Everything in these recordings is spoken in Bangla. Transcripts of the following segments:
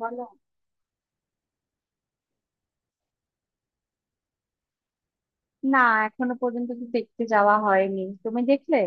বলো। না, এখনো পর্যন্ত তো দেখতে যাওয়া হয়নি, তুমি দেখলে?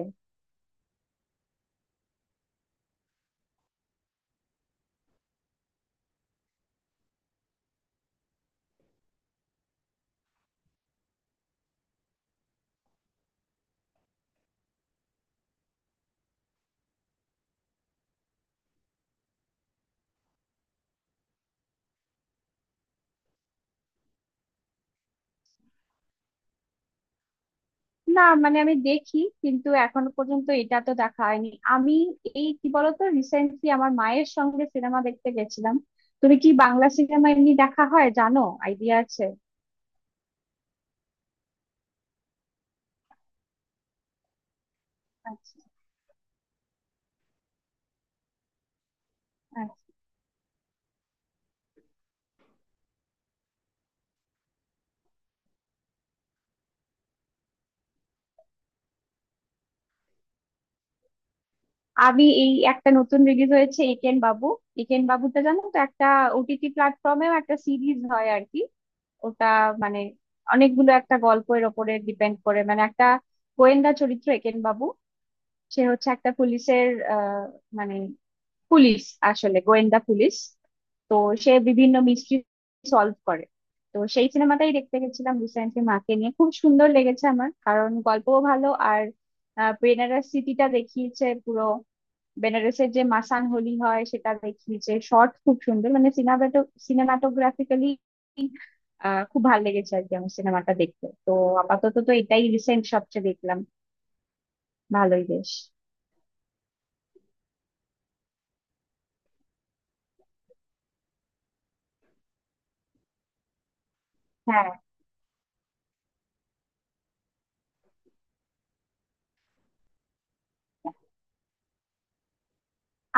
না আমি দেখি, কিন্তু এখনো পর্যন্ত এটা তো দেখা হয়নি। আমি, এই কি বলতো রিসেন্টলি আমার মায়ের সঙ্গে সিনেমা দেখতে গেছিলাম। তুমি কি বাংলা সিনেমা এমনি দেখা হয় জানো? আইডিয়া আছে? আচ্ছা। আচ্ছা। আমি একটা নতুন রিলিজ হয়েছে, একেন বাবু। একেন বাবুটা জানো তো, একটা ওটিটি প্ল্যাটফর্মেও একটা সিরিজ হয় আর কি। ওটা মানে অনেকগুলো একটা গল্পের ওপরে ডিপেন্ড করে। একটা গোয়েন্দা চরিত্র একেন বাবু। সে হচ্ছে একটা পুলিশের, আহ, মানে পুলিশ, আসলে গোয়েন্দা পুলিশ। তো সে বিভিন্ন মিস্ট্রি সলভ করে। তো সেই সিনেমাটাই দেখতে গেছিলাম রিসেন্টলি মাকে নিয়ে। খুব সুন্দর লেগেছে আমার, কারণ গল্পও ভালো, আর বেনারস সিটিটা দেখিয়েছে পুরো। বেনারসের যে মাসান হোলি হয় সেটা দেখিয়েছে শর্ট, খুব সুন্দর। মানে সিনেমাটো সিনেমাটোগ্রাফিক্যালি খুব ভালো লেগেছে আর কি আমার সিনেমাটা দেখতে। তো আপাতত তো এটাই রিসেন্ট সবচেয়ে দেখলাম। ভালোই বেশ। হ্যাঁ।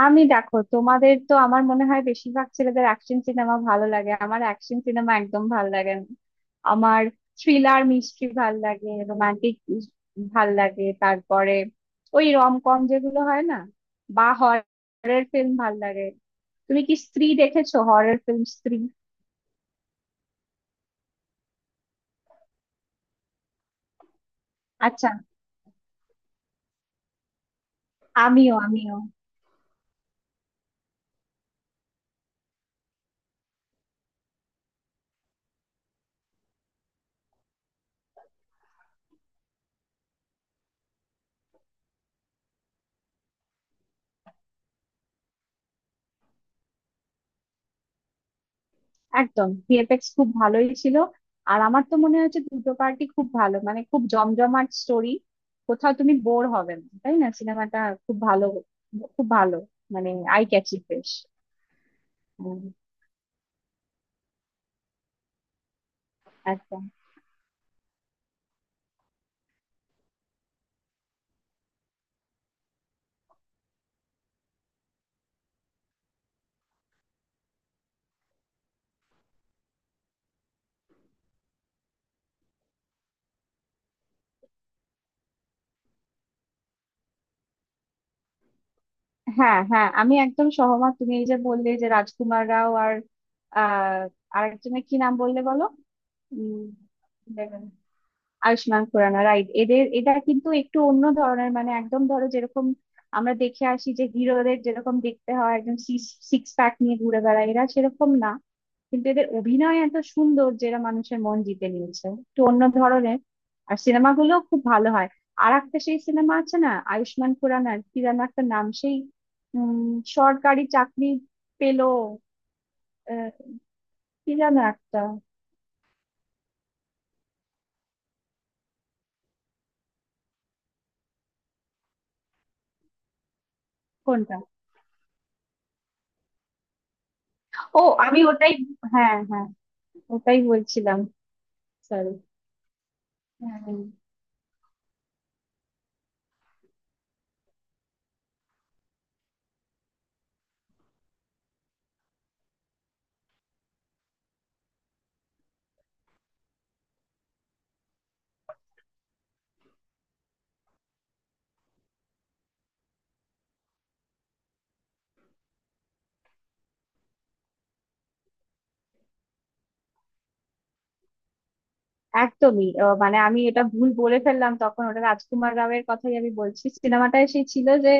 আমি, দেখো, তোমাদের তো আমার মনে হয় বেশিরভাগ ছেলেদের অ্যাকশন সিনেমা ভালো লাগে, আমার অ্যাকশন সিনেমা একদম ভালো লাগে না। আমার থ্রিলার মিস্ট্রি ভাল লাগে, রোমান্টিক ভাল লাগে, তারপরে ওই রম কম যেগুলো হয় না, বা হরর ফিল্ম ভাল লাগে। তুমি কি স্ত্রী দেখেছো? হরর ফিল্ম স্ত্রী। আচ্ছা। আমিও আমিও। একদম, ভিএফএক্স খুব ভালোই ছিল। আর আমার তো মনে হচ্ছে দুটো পার্টি খুব ভালো, খুব জমজমাট স্টোরি। কোথাও তুমি বোর হবে না, তাই না সিনেমাটা? খুব ভালো, খুব ভালো। মানে আই ক্যাচি বেশ। হুম। একদম। হ্যাঁ, হ্যাঁ, আমি একদম সহমত। তুমি এই যে বললে যে রাজকুমার রাও আর আহ আরেকজনের কি নাম বললে বলো? উম, আয়ুষ্মান খুরানা, রাইট। এদের, এরা কিন্তু একটু অন্য ধরনের। একদম ধরো যেরকম আমরা দেখে আসি যে হিরোদের যেরকম দেখতে হয়, একদম সিক্স প্যাক নিয়ে ঘুরে বেড়ায়, এরা সেরকম না। কিন্তু এদের অভিনয় এত সুন্দর, যেটা মানুষের মন জিতে নিয়েছে, একটু অন্য ধরনের। আর সিনেমাগুলো খুব ভালো হয়। আর একটা সেই সিনেমা আছে না, আয়ুষ্মান খুরানার কি যেন একটা নাম, সেই, উম, সরকারি চাকরি পেলো, আহ, কি যেন একটা। কোনটা? ও, আমি ওটাই, হ্যাঁ, হ্যাঁ, ওটাই বলছিলাম। সরি। হুম। একদমই। আহ, মানে আমি এটা ভুল বলে ফেললাম তখন, ওটা রাজকুমার রাওয়ের কথাই আমি বলছি। সিনেমাটায় সেই ছিল যে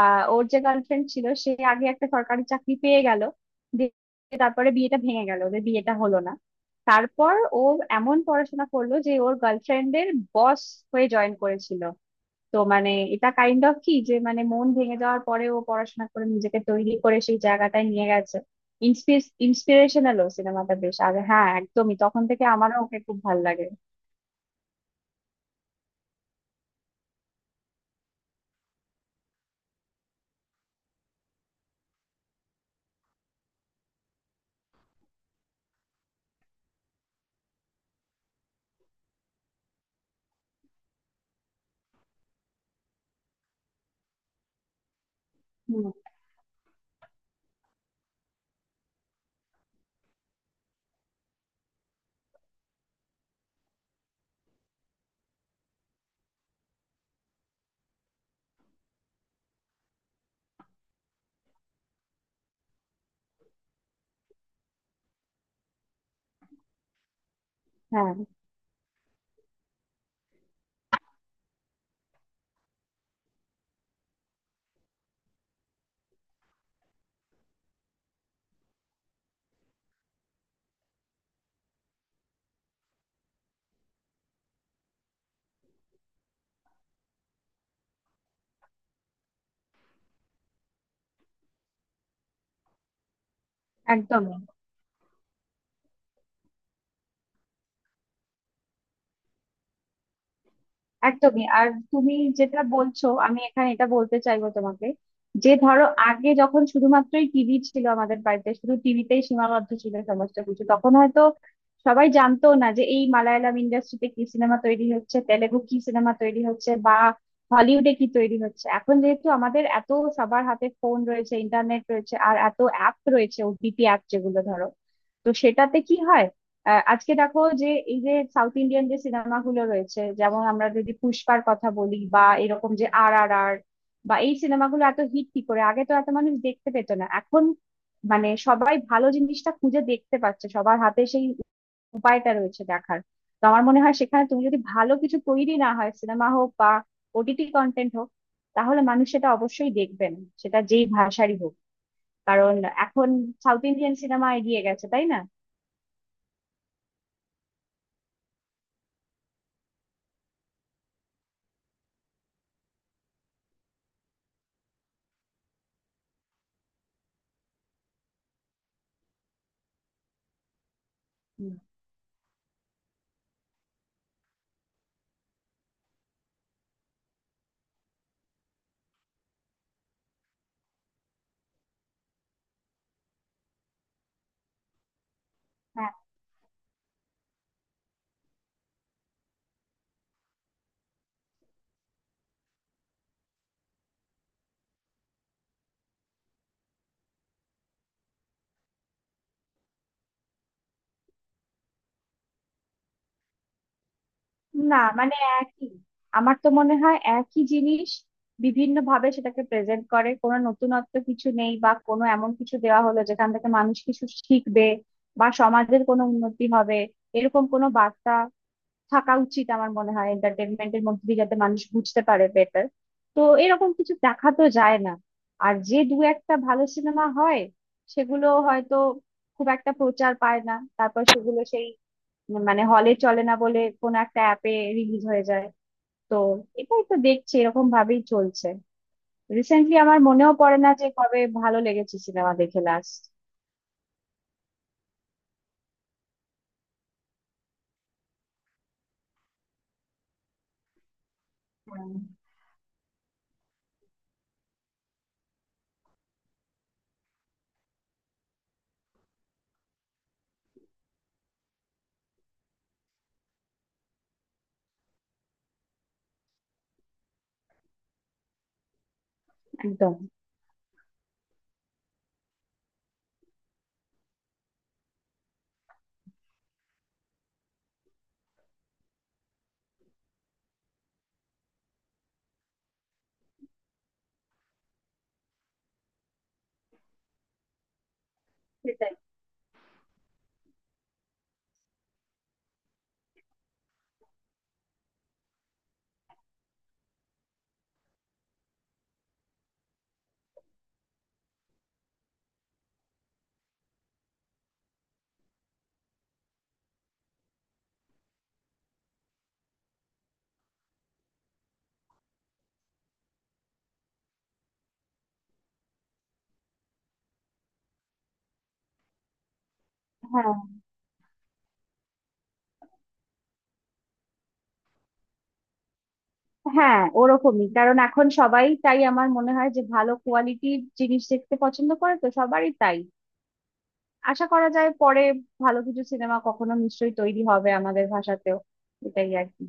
ওর যে গার্লফ্রেন্ড ছিল সে আগে একটা সরকারি চাকরি পেয়ে গেল, দিয়ে তারপরে বিয়েটা ভেঙে গেল, ওদের বিয়েটা হলো না। তারপর ও এমন পড়াশোনা করলো যে ওর গার্লফ্রেন্ডের বস হয়ে জয়েন করেছিল। তো এটা কাইন্ড অফ কি যে মানে মন ভেঙে যাওয়ার পরেও পড়াশোনা করে নিজেকে তৈরি করে সেই জায়গাটায় নিয়ে গেছে। ইন্সপিরেশনালও সিনেমাটা বেশ। আর হ্যাঁ, একদমই, তখন থেকে আমারও ওকে খুব ভালো লাগে। হুম। হ্যাঁ, একদমই। একদমই। আর তুমি যেটা বলছো, আমি এখানে এটা বলতে চাইবো তোমাকে যে ধরো আগে যখন শুধুমাত্রই টিভি ছিল আমাদের বাড়িতে, শুধু টিভিতেই সীমাবদ্ধ ছিল সমস্ত কিছু, তখন হয়তো সবাই জানতো না যে এই মালায়ালাম ইন্ডাস্ট্রিতে কি সিনেমা তৈরি হচ্ছে, তেলেগু কি সিনেমা তৈরি হচ্ছে, বা হলিউডে কি তৈরি হচ্ছে। এখন যেহেতু আমাদের এত, সবার হাতে ফোন রয়েছে, ইন্টারনেট রয়েছে, আর এত অ্যাপ রয়েছে, ওটিটি অ্যাপ যেগুলো ধরো। তো সেটাতে কি হয়, আজকে দেখো যে এই যে সাউথ ইন্ডিয়ান যে সিনেমাগুলো রয়েছে, যেমন আমরা যদি পুষ্পার কথা বলি, বা এরকম যে আর আর আর, বা এই সিনেমাগুলো এত হিট কি করে? আগে তো এত মানুষ দেখতে পেত না, এখন সবাই ভালো জিনিসটা খুঁজে দেখতে পাচ্ছে, সবার হাতে সেই উপায়টা রয়েছে দেখার। তো আমার মনে হয় সেখানে তুমি যদি ভালো কিছু তৈরি না হয়, সিনেমা হোক বা ওটিটি কন্টেন্ট হোক, তাহলে মানুষ সেটা অবশ্যই দেখবেন, সেটা যেই ভাষারই হোক। কারণ এখন সাউথ ইন্ডিয়ান সিনেমা এগিয়ে গেছে, তাই না? হুম। না একই, আমার তো মনে হয় একই জিনিস বিভিন্ন ভাবে সেটাকে প্রেজেন্ট করে। কোনো নতুনত্ব কিছু নেই, বা কোনো এমন কিছু দেওয়া হলো যেখান থেকে মানুষ কিছু শিখবে বা সমাজের কোনো উন্নতি হবে, এরকম কোনো বার্তা থাকা উচিত আমার মনে হয় এন্টারটেনমেন্টের মধ্যে দিয়ে, যাতে মানুষ বুঝতে পারে বেটার। তো এরকম কিছু দেখা তো যায় না। আর যে দু একটা ভালো সিনেমা হয়, সেগুলো হয়তো খুব একটা প্রচার পায় না, তারপর সেগুলো সেই হলে চলে না বলে কোনো একটা অ্যাপে রিলিজ হয়ে যায়। তো এটাই তো দেখছি, এরকম ভাবেই চলছে। রিসেন্টলি আমার মনেও পড়ে না যে কবে ভালো লেগেছে সিনেমা দেখে লাস্ট। হ্যাঁ, একদম। সেটাই। হ্যাঁ, হ্যাঁ, ওরকমই। কারণ এখন সবাই, তাই আমার মনে হয়, যে ভালো কোয়ালিটির জিনিস দেখতে পছন্দ করে, তো সবারই তাই আশা করা যায়, পরে ভালো কিছু সিনেমা কখনো নিশ্চয়ই তৈরি হবে আমাদের ভাষাতেও। এটাই আর কি।